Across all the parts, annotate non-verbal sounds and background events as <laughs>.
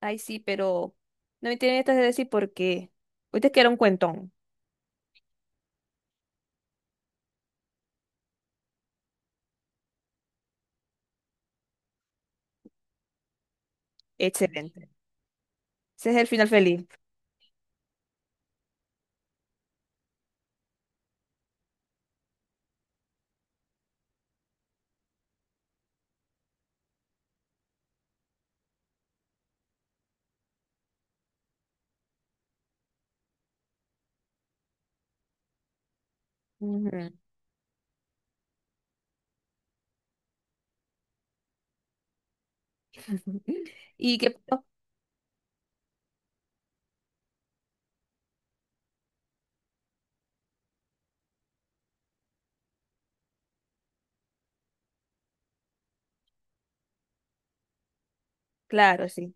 Ay, sí, pero no me tienen estas de decir por qué. Ahorita que era un cuentón. Excelente. Ese es el final feliz. Ujú. <laughs> Y que, oh, claro, sí.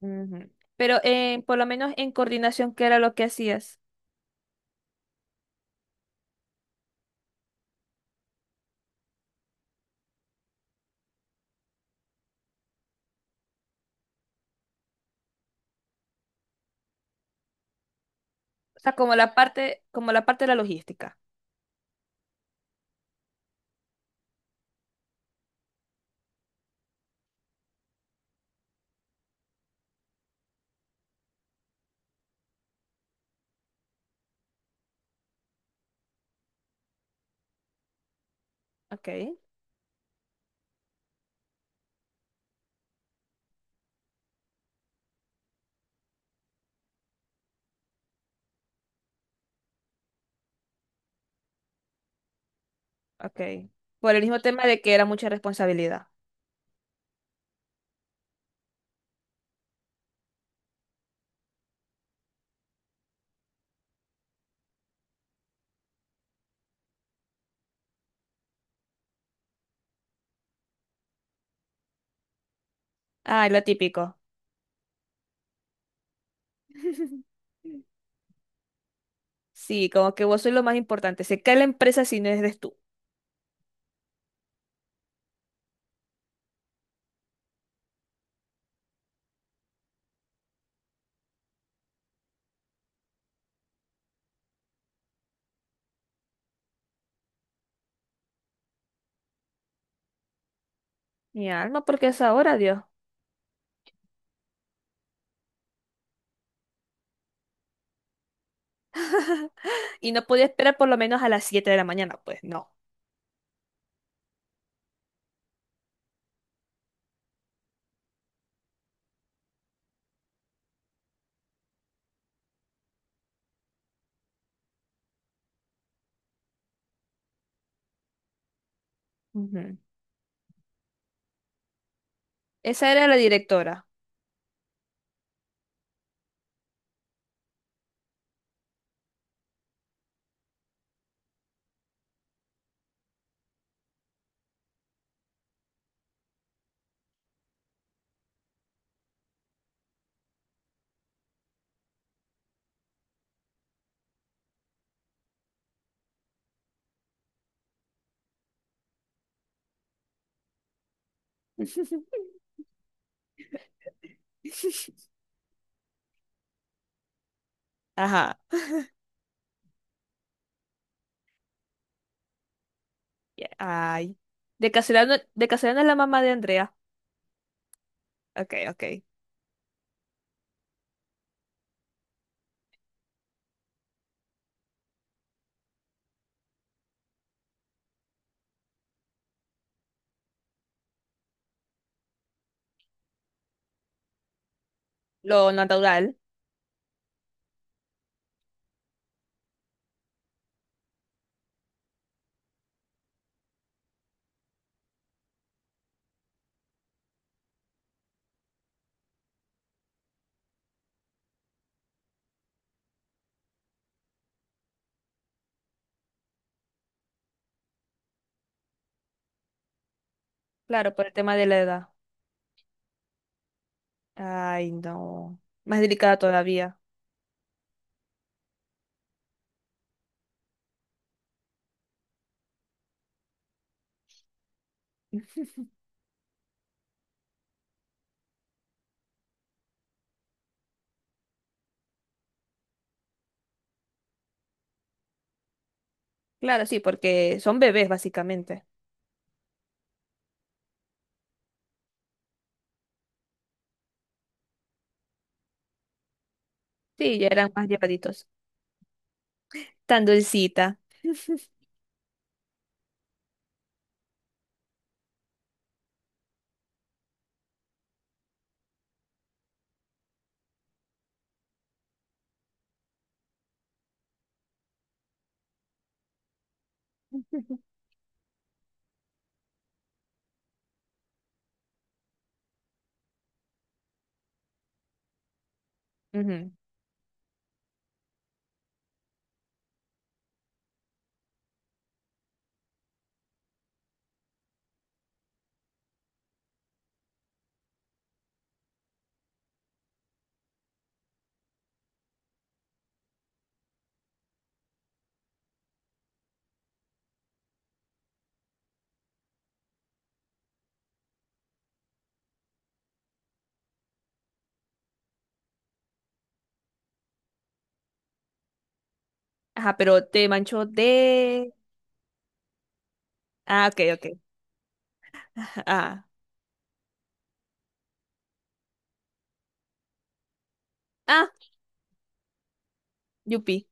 Ujú. Pero por lo menos en coordinación, ¿qué era lo que hacías? O sea, como la parte de la logística. Ok, ok. Por el mismo tema de que era mucha responsabilidad. Ay, lo típico. <laughs> Sí, como que vos sos lo más importante. Se cae la empresa si no eres tú. Mi alma, porque es ahora, Dios. <laughs> Y no podía esperar por lo menos a las 7 de la mañana, pues no. Ujú. Esa era la directora. <laughs> Ajá. Ya- Ay. De casualidad no es la mamá de Andrea. Ok, ok. Lo natural. Claro, por el tema de la edad. Ay, no. Más delicada todavía. Claro, sí, porque son bebés, básicamente. Sí, ya eran más llevaditos. Tan dulcita. <laughs> Ujú. Ajá, pero te manchó de... Ok, ok. Ah, ah, yupi.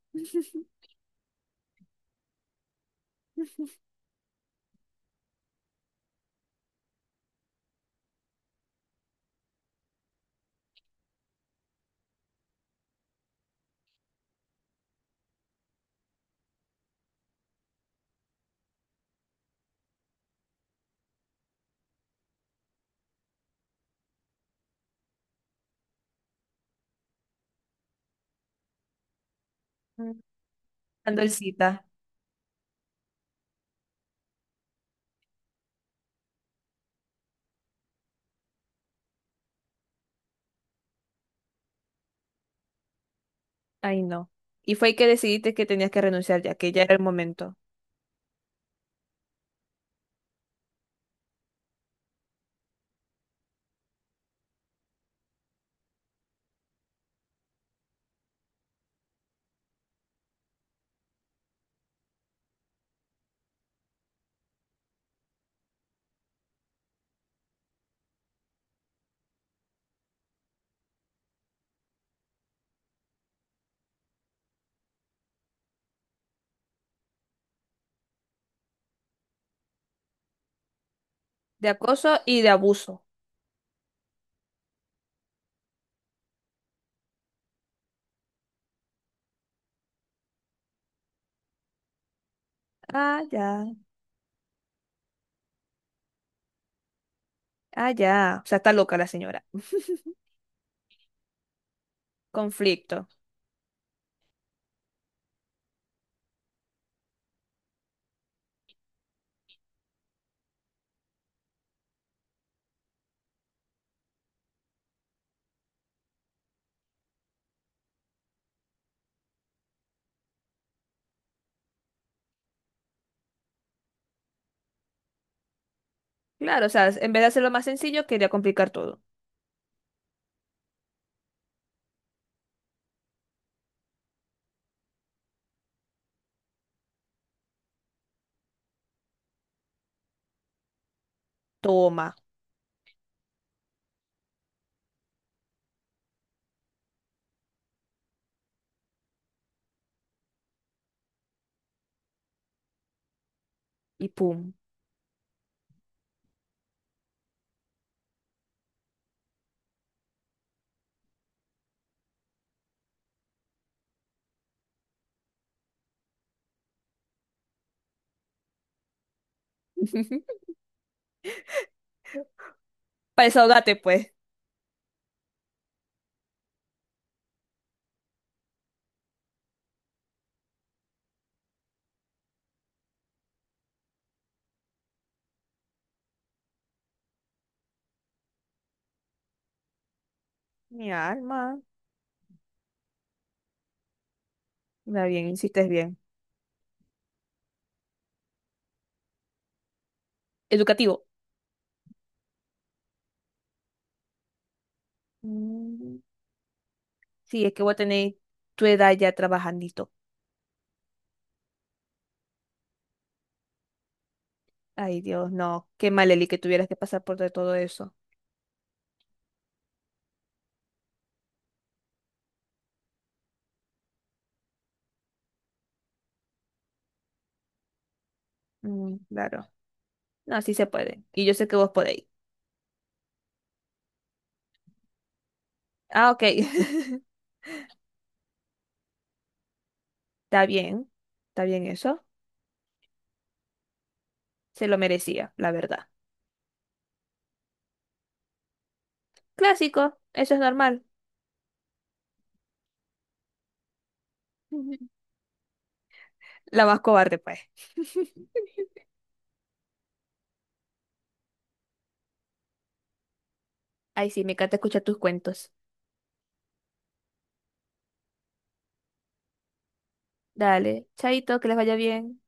Mm. Tan dulcita. Ay, no. Y fue que decidiste que tenías que renunciar ya, que ya era el momento. De acoso y de abuso. Ah, ya. Ah, ya. O sea, está loca la señora. Conflicto. Claro, o sea, en vez de hacerlo más sencillo, quería complicar todo. Toma. Y pum. <laughs> Para desahogarte, pues. Mi alma. Está bien, hiciste bien. Educativo. Mm. Sí, es que vos a tu edad ya trabajandito. Ay, Dios, no. Qué mal, Eli, que tuvieras que pasar por de todo eso. Mm, claro. No, sí se puede. Y yo sé que vos podéis. Ah, ok. <laughs> Está bien. Está bien eso. Se lo merecía, la verdad. Clásico. Eso es normal. Ujú. La más cobarde, pues. <laughs> Ay, sí, me encanta escuchar tus cuentos. Dale. Chaito, que les vaya bien.